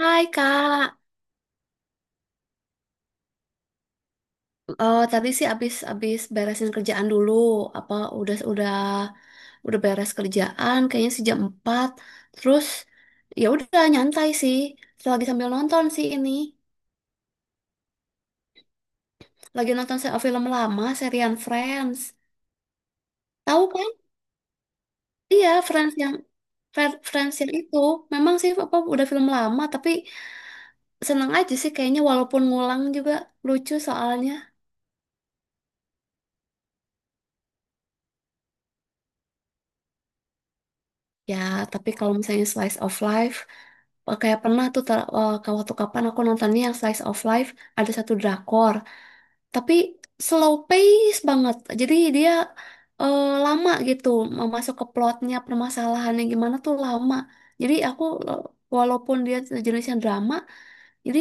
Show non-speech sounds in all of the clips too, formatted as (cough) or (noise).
Hai Kak. Tadi sih abis abis beresin kerjaan dulu, apa udah udah udah beres kerjaan, kayaknya sih jam 4. Terus ya udah nyantai sih, lagi sambil nonton sih ini, lagi nonton film lama, serian Friends. Tahu kan? Iya, Friends yang itu, memang sih apa udah film lama, tapi seneng aja sih kayaknya walaupun ngulang juga lucu soalnya. Ya, tapi kalau misalnya slice of life, kayak pernah tuh waktu kapan aku nontonnya yang slice of life, ada satu drakor, tapi slow pace banget. Jadi dia lama gitu mau masuk ke plotnya, permasalahannya gimana tuh lama. Jadi aku eh, walaupun dia jenisnya drama, jadi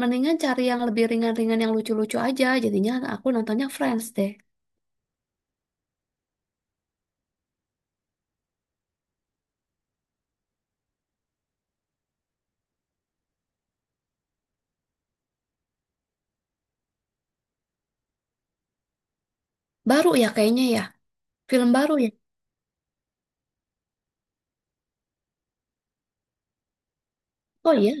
mendingan cari yang lebih ringan-ringan yang lucu-lucu aja. Jadinya aku nontonnya Friends deh. Baru ya kayaknya ya, film baru ya. Oh iya,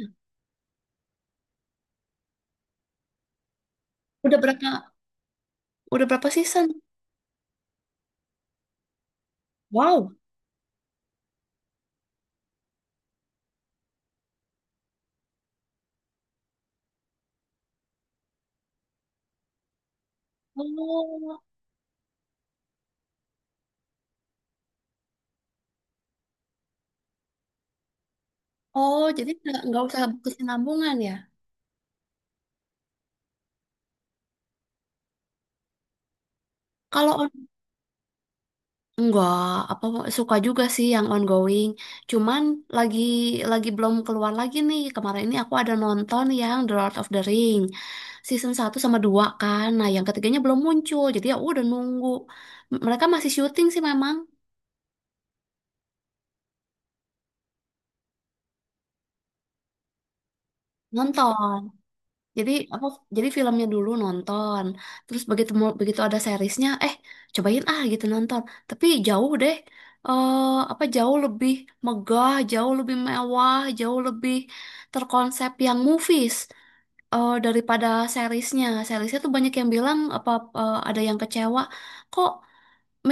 udah berapa udah berapa season? Wow. Oh, oh, jadi nggak usah berkesinambungan ya? Kalau on Enggak, apa suka juga sih yang ongoing. Cuman lagi lagi belum keluar lagi nih. Kemarin ini aku ada nonton yang The Lord of the Ring season 1 sama 2 kan. Nah, yang ketiganya belum muncul. Jadi ya udah nunggu. Mereka masih syuting sih memang. Nonton. Jadi apa? Jadi filmnya dulu nonton, terus begitu ada seriesnya, cobain ah gitu nonton. Tapi jauh deh, eh apa jauh lebih megah, jauh lebih mewah, jauh lebih terkonsep yang movies, daripada seriesnya. Seriesnya tuh banyak yang bilang apa, ada yang kecewa, kok.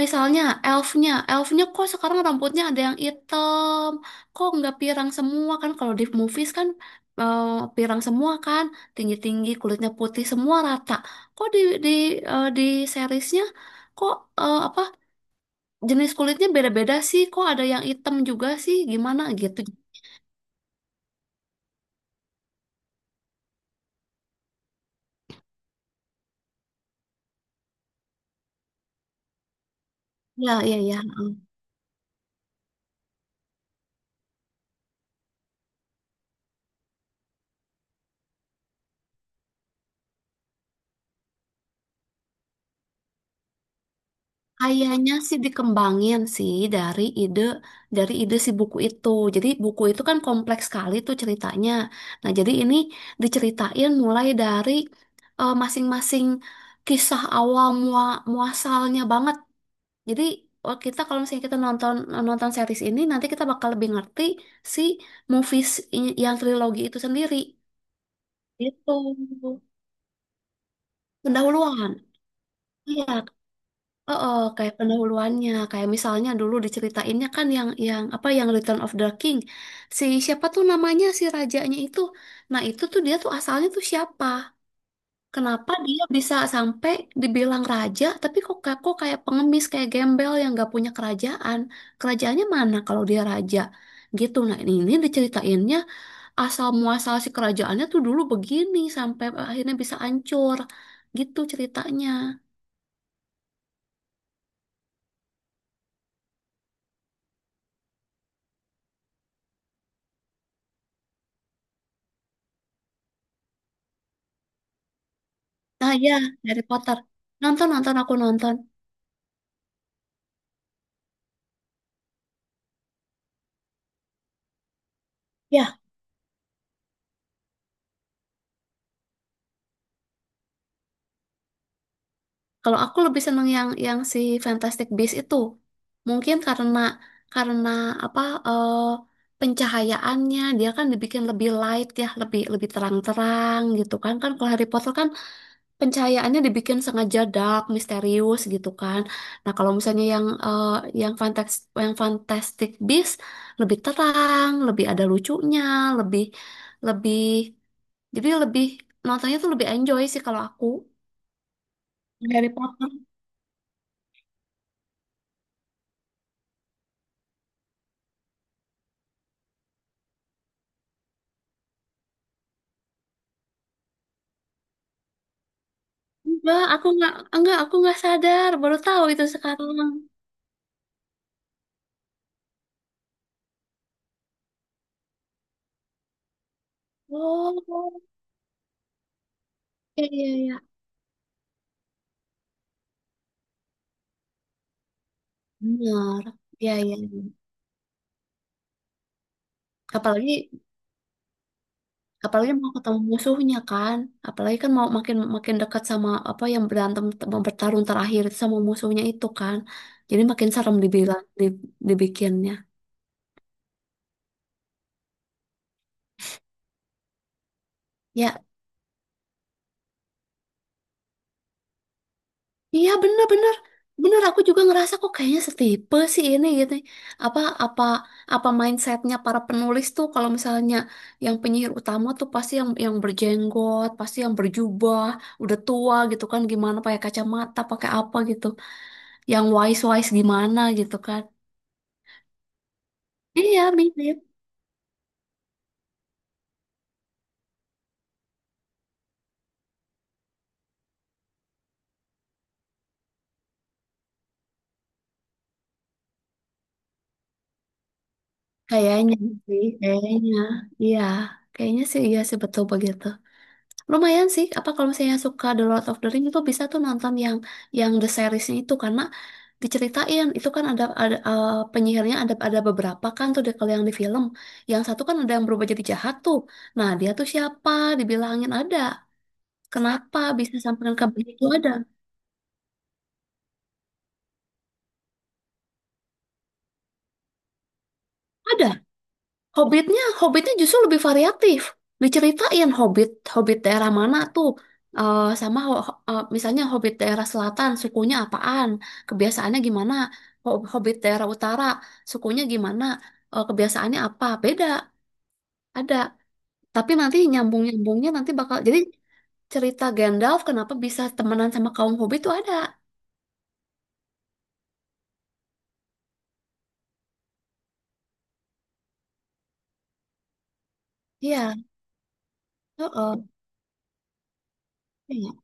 Misalnya elfnya kok sekarang rambutnya ada yang hitam, kok nggak pirang semua kan? Kalau di movies kan, eh, pirang semua kan, tinggi-tinggi kulitnya putih semua rata. Kok di di seriesnya, kok apa jenis kulitnya beda-beda sih? Kok ada yang hitam juga sih? Gimana gitu? Ya, iya, iya. Kayaknya sih dikembangin sih dari ide si buku itu. Jadi buku itu kan kompleks sekali tuh ceritanya. Nah, jadi ini diceritain mulai dari, masing-masing kisah awal muasalnya banget. Jadi oh, kalau misalnya kita nonton nonton series ini nanti kita bakal lebih ngerti si movies, yang trilogi itu sendiri. Itu pendahuluan. Iya. Oh, oh, kayak pendahuluannya, kayak misalnya dulu diceritainnya kan yang apa yang Return of the King. Siapa tuh namanya si rajanya itu. Nah, itu tuh dia tuh asalnya tuh siapa? Kenapa dia bisa sampai dibilang raja tapi kok kok kayak pengemis, kayak gembel yang gak punya kerajaan. Kerajaannya mana kalau dia raja? Gitu. Nah, ini diceritainnya asal muasal si kerajaannya tuh dulu begini sampai akhirnya bisa hancur. Gitu ceritanya. Ah ya, Harry Potter. Nonton, nonton, aku nonton. Ya, kalau aku lebih seneng yang si Fantastic Beasts itu. Mungkin karena apa, eh, pencahayaannya dia kan dibikin lebih light ya, lebih lebih terang-terang gitu kan. Kan kalau Harry Potter kan pencahayaannya dibikin sengaja dark, misterius gitu kan. Nah, kalau misalnya yang Fantastic Beasts lebih terang, lebih ada lucunya, lebih lebih jadi lebih nontonnya tuh lebih enjoy sih kalau aku. Harry Potter. Enggak, aku nggak sadar, baru tahu itu sekarang. Oh. Iya, iya, iya. Benar. Iya, iya. Iya. Apalagi apalagi mau ketemu musuhnya kan. Apalagi kan mau makin makin dekat sama apa yang berantem mau bertarung terakhir sama musuhnya itu kan. Jadi makin serem dibilang, dibikinnya. Ya, iya, bener-bener, aku juga ngerasa kok kayaknya setipe sih ini gitu, apa apa apa mindsetnya para penulis tuh kalau misalnya yang penyihir utama tuh pasti yang berjenggot, pasti yang berjubah, udah tua gitu kan, gimana pakai kacamata pakai apa gitu, yang wise wise gimana gitu kan. Iya mirip. Kayaknya sih kayaknya iya, kayaknya sih iya sih, betul begitu. Lumayan sih, apa kalau misalnya suka The Lord of the Rings itu bisa tuh nonton yang the seriesnya itu, karena diceritain itu kan penyihirnya ada beberapa kan tuh deh kalau yang di film. Yang satu kan ada yang berubah jadi jahat tuh. Nah, dia tuh siapa? Dibilangin ada. Kenapa bisa sampai ke itu ada? Ada. Hobbitnya justru lebih variatif. Diceritain Hobbit, Hobbit daerah mana tuh. Sama misalnya Hobbit daerah selatan, sukunya apaan, kebiasaannya gimana. Hobbit daerah utara, sukunya gimana, kebiasaannya apa. Beda, ada. Tapi nanti nyambung-nyambungnya nanti bakal, jadi cerita Gandalf kenapa bisa temenan sama kaum Hobbit tuh ada. Iya, heeh. Iya,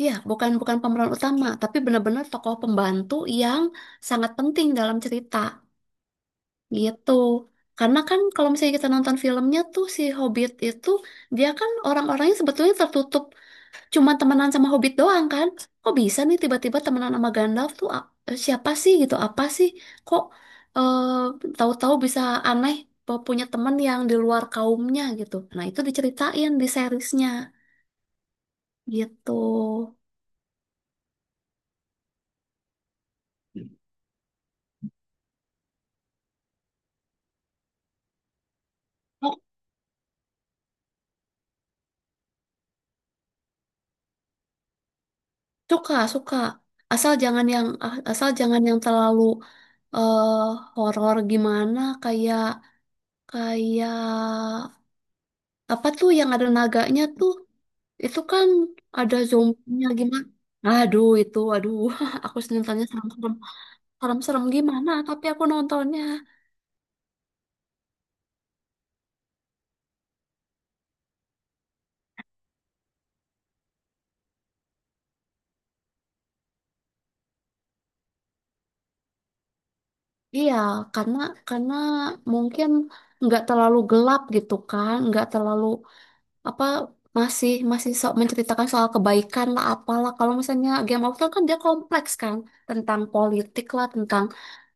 Iya, bukan bukan pemeran utama, tapi benar-benar tokoh pembantu yang sangat penting dalam cerita. Gitu. Karena kan kalau misalnya kita nonton filmnya tuh si Hobbit itu, dia kan orang-orangnya sebetulnya tertutup, cuman temenan sama Hobbit doang kan. Kok bisa nih tiba-tiba temenan sama Gandalf tuh, siapa sih gitu? Apa sih? Kok tahu-tahu bisa aneh, punya temen yang di luar kaumnya gitu. Nah, itu diceritain di seriesnya gitu. Oh. Suka, suka. Asal jangan yang terlalu eh horor gimana, kayak. Kayak apa tuh yang ada naganya tuh? Itu kan ada zombinya gimana? Aduh itu, aduh, (laughs) aku nontonnya serem-serem, serem-serem gimana? Tapi aku nontonnya, iya, karena karena mungkin nggak terlalu gelap gitu kan, nggak terlalu apa masih masih so, menceritakan soal kebaikan lah apalah. Kalau misalnya Game of Thrones kan dia kompleks kan, tentang politik lah, tentang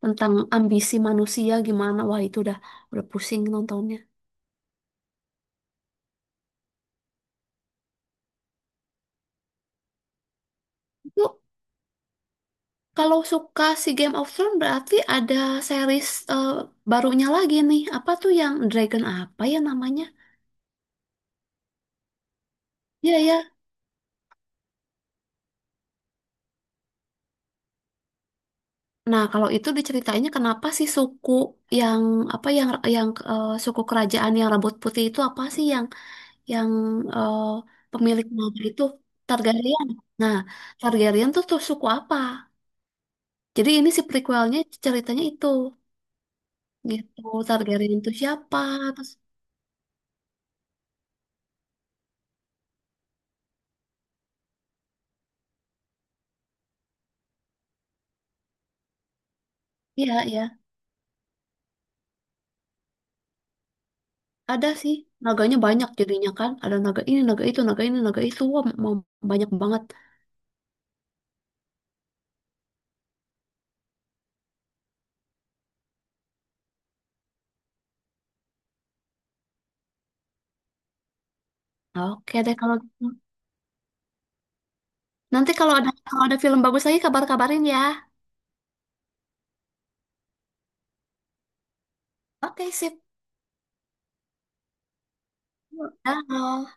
tentang ambisi manusia gimana? Wah itu udah pusing nontonnya. Lu kalau suka si Game of Thrones berarti ada series, eh, barunya lagi nih. Apa tuh yang Dragon apa ya namanya? Iya ya. Nah, kalau itu diceritainnya kenapa sih suku yang apa suku kerajaan yang rambut putih itu apa sih yang eh, pemilik nama itu Targaryen. Nah, Targaryen tuh tuh suku apa? Jadi ini si prequelnya ceritanya itu gitu. Targaryen itu siapa? Terus iya ya. Ada sih, naganya banyak jadinya kan. Ada naga ini, naga itu, naga ini, naga itu. Wah, mau banyak banget. Oke deh kalau gitu. Nanti kalau ada film bagus lagi, kabar-kabarin ya. Oke, sip. Dah.